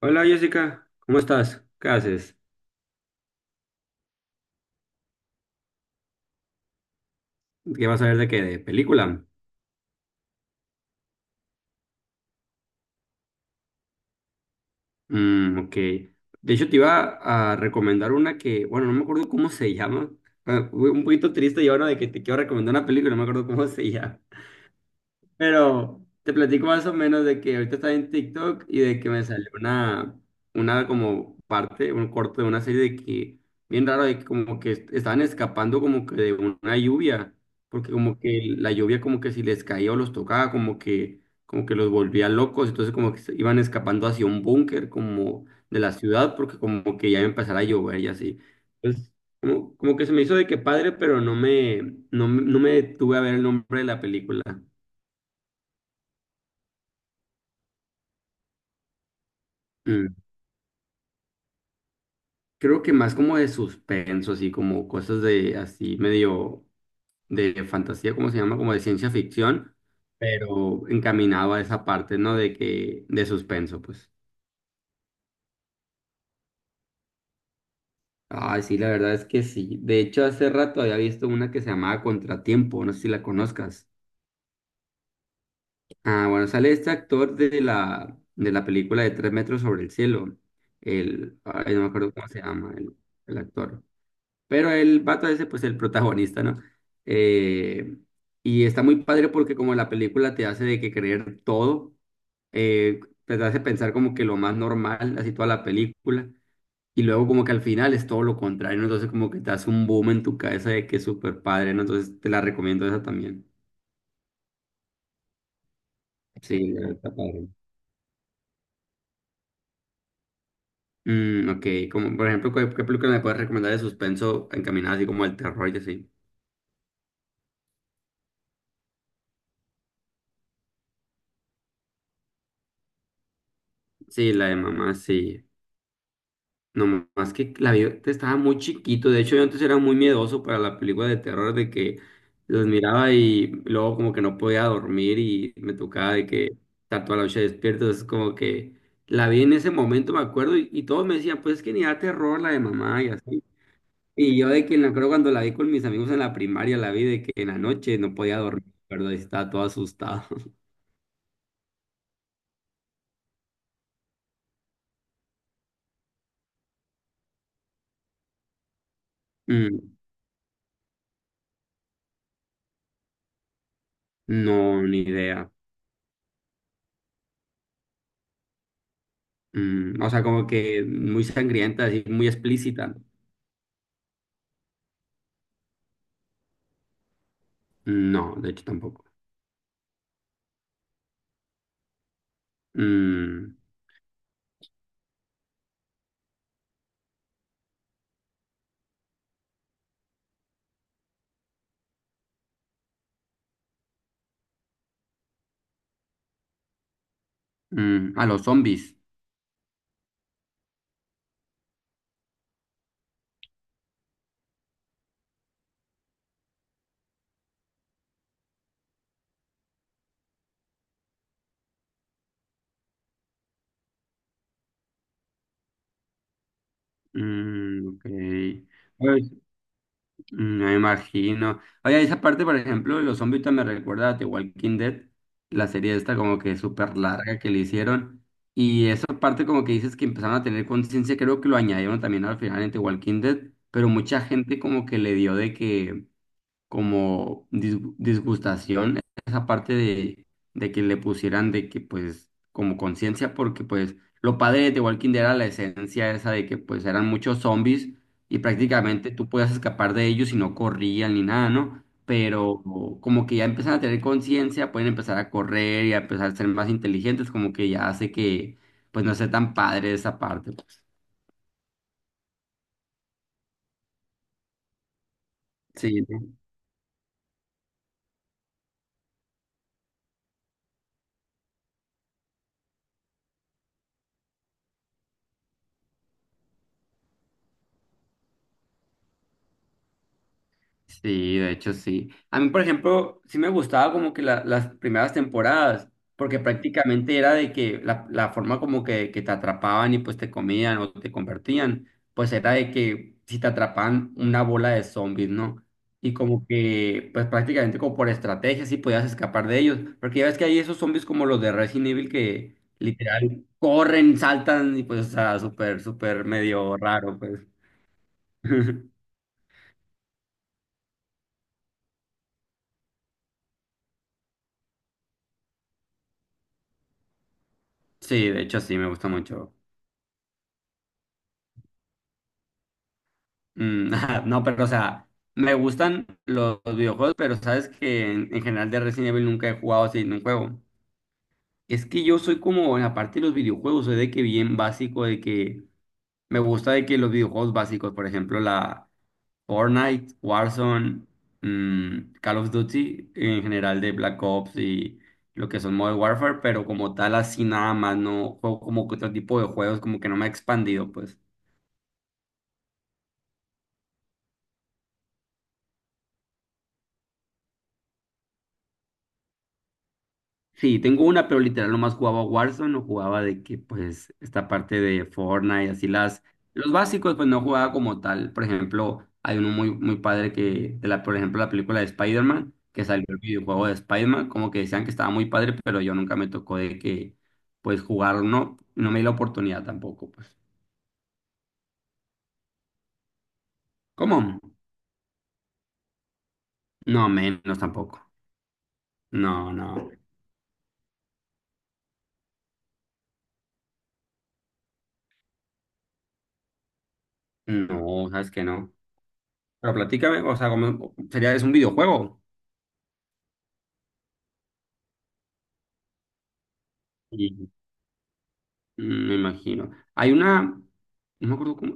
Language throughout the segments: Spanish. Hola Jessica, ¿cómo estás? ¿Qué haces? ¿Qué vas a ver de qué? ¿De película? Mm, ok. De hecho, te iba a recomendar una que, bueno, no me acuerdo cómo se llama. Ah, fue un poquito triste y ahora de que te quiero recomendar una película, no me acuerdo cómo se llama. Pero te platico más o menos de que ahorita estaba en TikTok y de que me salió una como parte, un corto de una serie de que, bien raro, de que como que estaban escapando como que de una lluvia, porque como que la lluvia como que si les caía o los tocaba, como que los volvía locos, entonces como que se iban escapando hacia un búnker como de la ciudad, porque como que ya iba a empezar a llover y así. Entonces, como, como que se me hizo de que padre, pero no me, no, no me detuve a ver el nombre de la película. Mm. Creo que más como de suspenso, así como cosas de, así medio de fantasía, ¿cómo se llama? Como de ciencia ficción, pero encaminado a esa parte, ¿no? De que, de suspenso, pues. Ah, sí, la verdad es que sí. De hecho, hace rato había visto una que se llamaba Contratiempo, no sé si la conozcas. Ah, bueno, sale este actor de la película de Tres metros sobre el cielo. El, ay, no me acuerdo cómo se llama el actor. Pero el vato ese, pues el protagonista, ¿no? Eh, y está muy padre porque como la película te hace de que creer todo, eh, pues, te hace pensar como que lo más normal, así toda la película, y luego como que al final es todo lo contrario, ¿no? Entonces como que te hace un boom en tu cabeza de que es súper padre, ¿no? Entonces te la recomiendo esa también. Sí, la verdad está padre. Mm, ok, como por ejemplo, ¿qué, qué película me puedes recomendar de suspenso encaminada así como al terror y así? Sí, la de mamá, sí. No, más que la vi, estaba muy chiquito. De hecho, yo antes era muy miedoso para la película de terror, de que los miraba y luego como que no podía dormir y me tocaba de que estar toda la noche despierto. Es como que la vi en ese momento, me acuerdo, y todos me decían, pues es que ni da terror la de mamá y así. Y yo de que me acuerdo cuando la vi con mis amigos en la primaria, la vi de que en la noche no podía dormir, ¿verdad? Y estaba todo asustado. Mm, no, ni idea. Mm, o sea, como que muy sangrienta, así muy explícita, ¿no? No, de hecho tampoco. Mm, mm, a los zombies. Mm, ok. Pues, mm, me imagino. Oye, esa parte, por ejemplo, de los zombies también me recuerda a The Walking Dead, la serie esta como que súper larga que le hicieron. Y esa parte como que dices que empezaron a tener conciencia, creo que lo añadieron también al final en The Walking Dead, pero mucha gente como que le dio de que... como disgustación esa parte de que le pusieran de que pues como conciencia porque pues lo padre de The Walking Dead era la esencia esa de que pues eran muchos zombies y prácticamente tú podías escapar de ellos y no corrían ni nada, ¿no? Pero como que ya empiezan a tener conciencia, pueden empezar a correr y a empezar a ser más inteligentes, como que ya hace que pues no sea tan padre esa parte, pues. Sí, sí, de hecho sí. A mí, por ejemplo, sí me gustaba como que las primeras temporadas, porque prácticamente era de que la forma como que te atrapaban y pues te comían o te convertían, pues era de que si te atrapaban una bola de zombies, ¿no? Y como que, pues prácticamente como por estrategia sí podías escapar de ellos, porque ya ves que hay esos zombies como los de Resident Evil que literal corren, saltan y pues, o sea, súper, súper medio raro, pues. Sí, de hecho sí, me gusta mucho. Mm, ajá, no, pero o sea, me gustan los videojuegos, pero sabes que en general de Resident Evil nunca he jugado así en un juego. Es que yo soy como en la parte de los videojuegos, soy de que bien básico, de que me gusta de que los videojuegos básicos, por ejemplo, la Fortnite, Warzone, Call of Duty, en general de Black Ops y lo que son Modern Warfare, pero como tal así nada más, no juego como que otro tipo de juegos, como que no me ha expandido, pues. Sí, tengo una, pero literal nomás jugaba Warzone, no jugaba de que, pues, esta parte de Fortnite, así las, los básicos, pues no jugaba como tal. Por ejemplo, hay uno muy, muy padre que, de la, por ejemplo, la película de Spider-Man, que salió el videojuego de Spider-Man, como que decían que estaba muy padre, pero yo nunca me tocó de que, pues, jugarlo, no, no me di la oportunidad tampoco, pues. ¿Cómo? No, menos tampoco. No, no, no, sabes que no. Pero platícame, o sea, como, sería, es un videojuego. Mm, me imagino. Hay una, no me acuerdo cómo,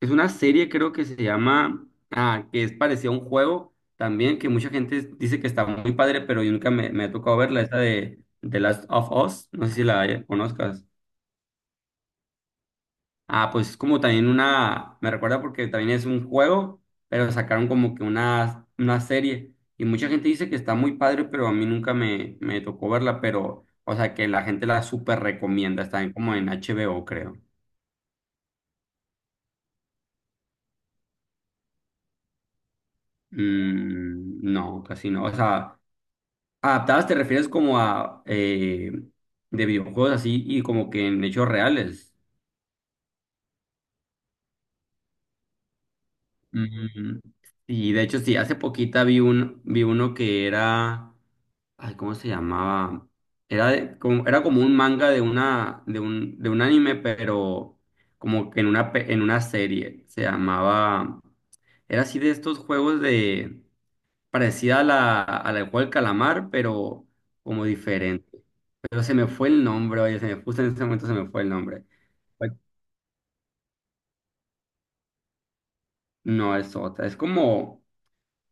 es una serie creo que se llama, ah, que es parecida a un juego también, que mucha gente dice que está muy padre, pero yo nunca me, me ha tocado verla, esta de The Last of Us, no sé si la conozcas. Ah, pues es como también una, me recuerda porque también es un juego, pero sacaron como que una serie, y mucha gente dice que está muy padre, pero a mí nunca me, me tocó verla, pero, o sea, que la gente la súper recomienda, está como en HBO, creo. Mm, no, casi no. O sea, adaptadas te refieres como a de videojuegos así y como que en hechos reales. Mm, y de hecho, sí, hace poquita vi un, vi uno que era. Ay, ¿cómo se llamaba? Era, como, era como un manga de una, de un anime, pero como que en una, en una serie. Se llamaba. Era así de estos juegos de. Parecida a la del juego del calamar, pero como diferente. Pero se me fue el nombre, oye, se me, puso en ese momento se me fue el nombre. Fue- No, es otra. Es como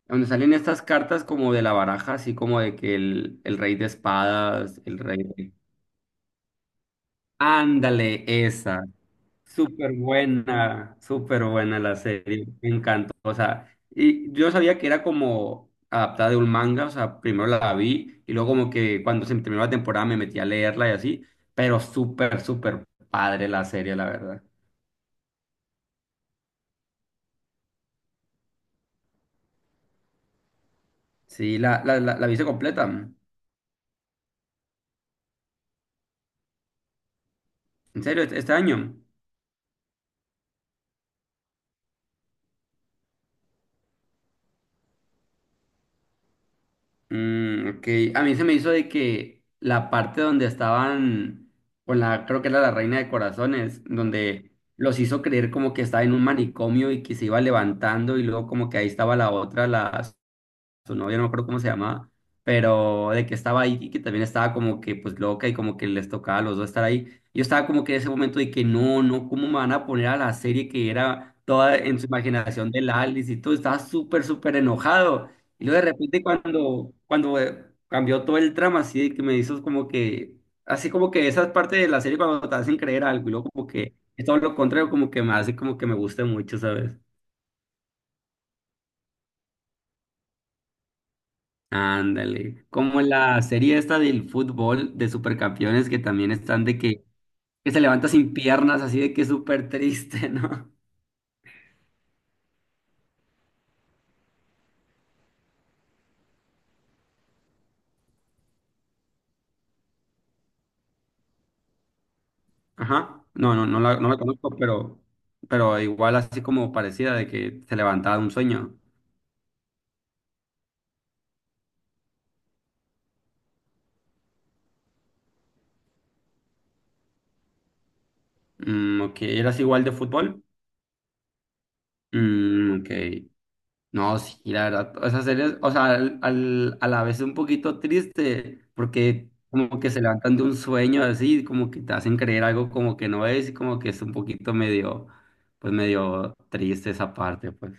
donde salen estas cartas como de la baraja, así como de que el rey de espadas, el rey de... Ándale, esa. Súper buena la serie. Me encantó. O sea, y yo sabía que era como adaptada de un manga, o sea, primero la vi y luego como que cuando se terminó la temporada me metí a leerla y así, pero súper, súper padre la serie, la verdad. Sí, la viste completa. ¿En serio? ¿Este este año? Mm, ok. A mí se me hizo de que la parte donde estaban con la, creo que era la Reina de Corazones, donde los hizo creer como que estaba en un manicomio y que se iba levantando y luego como que ahí estaba la otra, la su novia, no me acuerdo cómo se llamaba, pero de que estaba ahí y que también estaba como que pues loca y como que les tocaba a los dos estar ahí. Yo estaba como que en ese momento de que no, no, ¿cómo me van a poner a la serie que era toda en su imaginación de la Alice y todo? Estaba súper, súper enojado. Y luego de repente cuando, cuando cambió todo el trama, así de que me hizo como que, así como que esas partes de la serie cuando te hacen creer algo y luego como que es todo lo contrario, como que me hace como que me guste mucho, ¿sabes? Ándale, como la serie esta del fútbol de Supercampeones que también están de que se levanta sin piernas, así de que es súper triste, ¿no? Ajá, no, no, no la, no la conozco, pero igual así como parecida de que se levantaba de un sueño. Mm, ok, ¿eras igual de fútbol? Mm, ok. No, sí, la verdad, esa serie, o sea, al, a la vez un poquito triste, porque como que se levantan de un sueño así, como que te hacen creer algo como que no es, y como que es un poquito medio, pues medio triste esa parte, pues.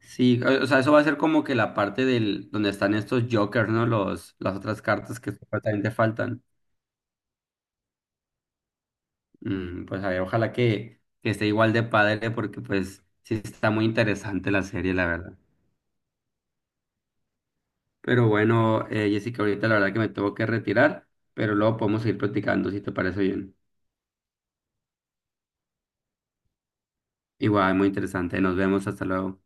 Sí, o sea, eso va a ser como que la parte del, donde están estos jokers, ¿no? Los, las otras cartas que supuestamente faltan. Mm, pues a ver, ojalá que esté igual de padre, porque pues sí está muy interesante la serie, la verdad. Pero bueno, Jessica, ahorita la verdad que me tengo que retirar, pero luego podemos seguir platicando si te parece bien. Igual, muy interesante. Nos vemos. Hasta luego.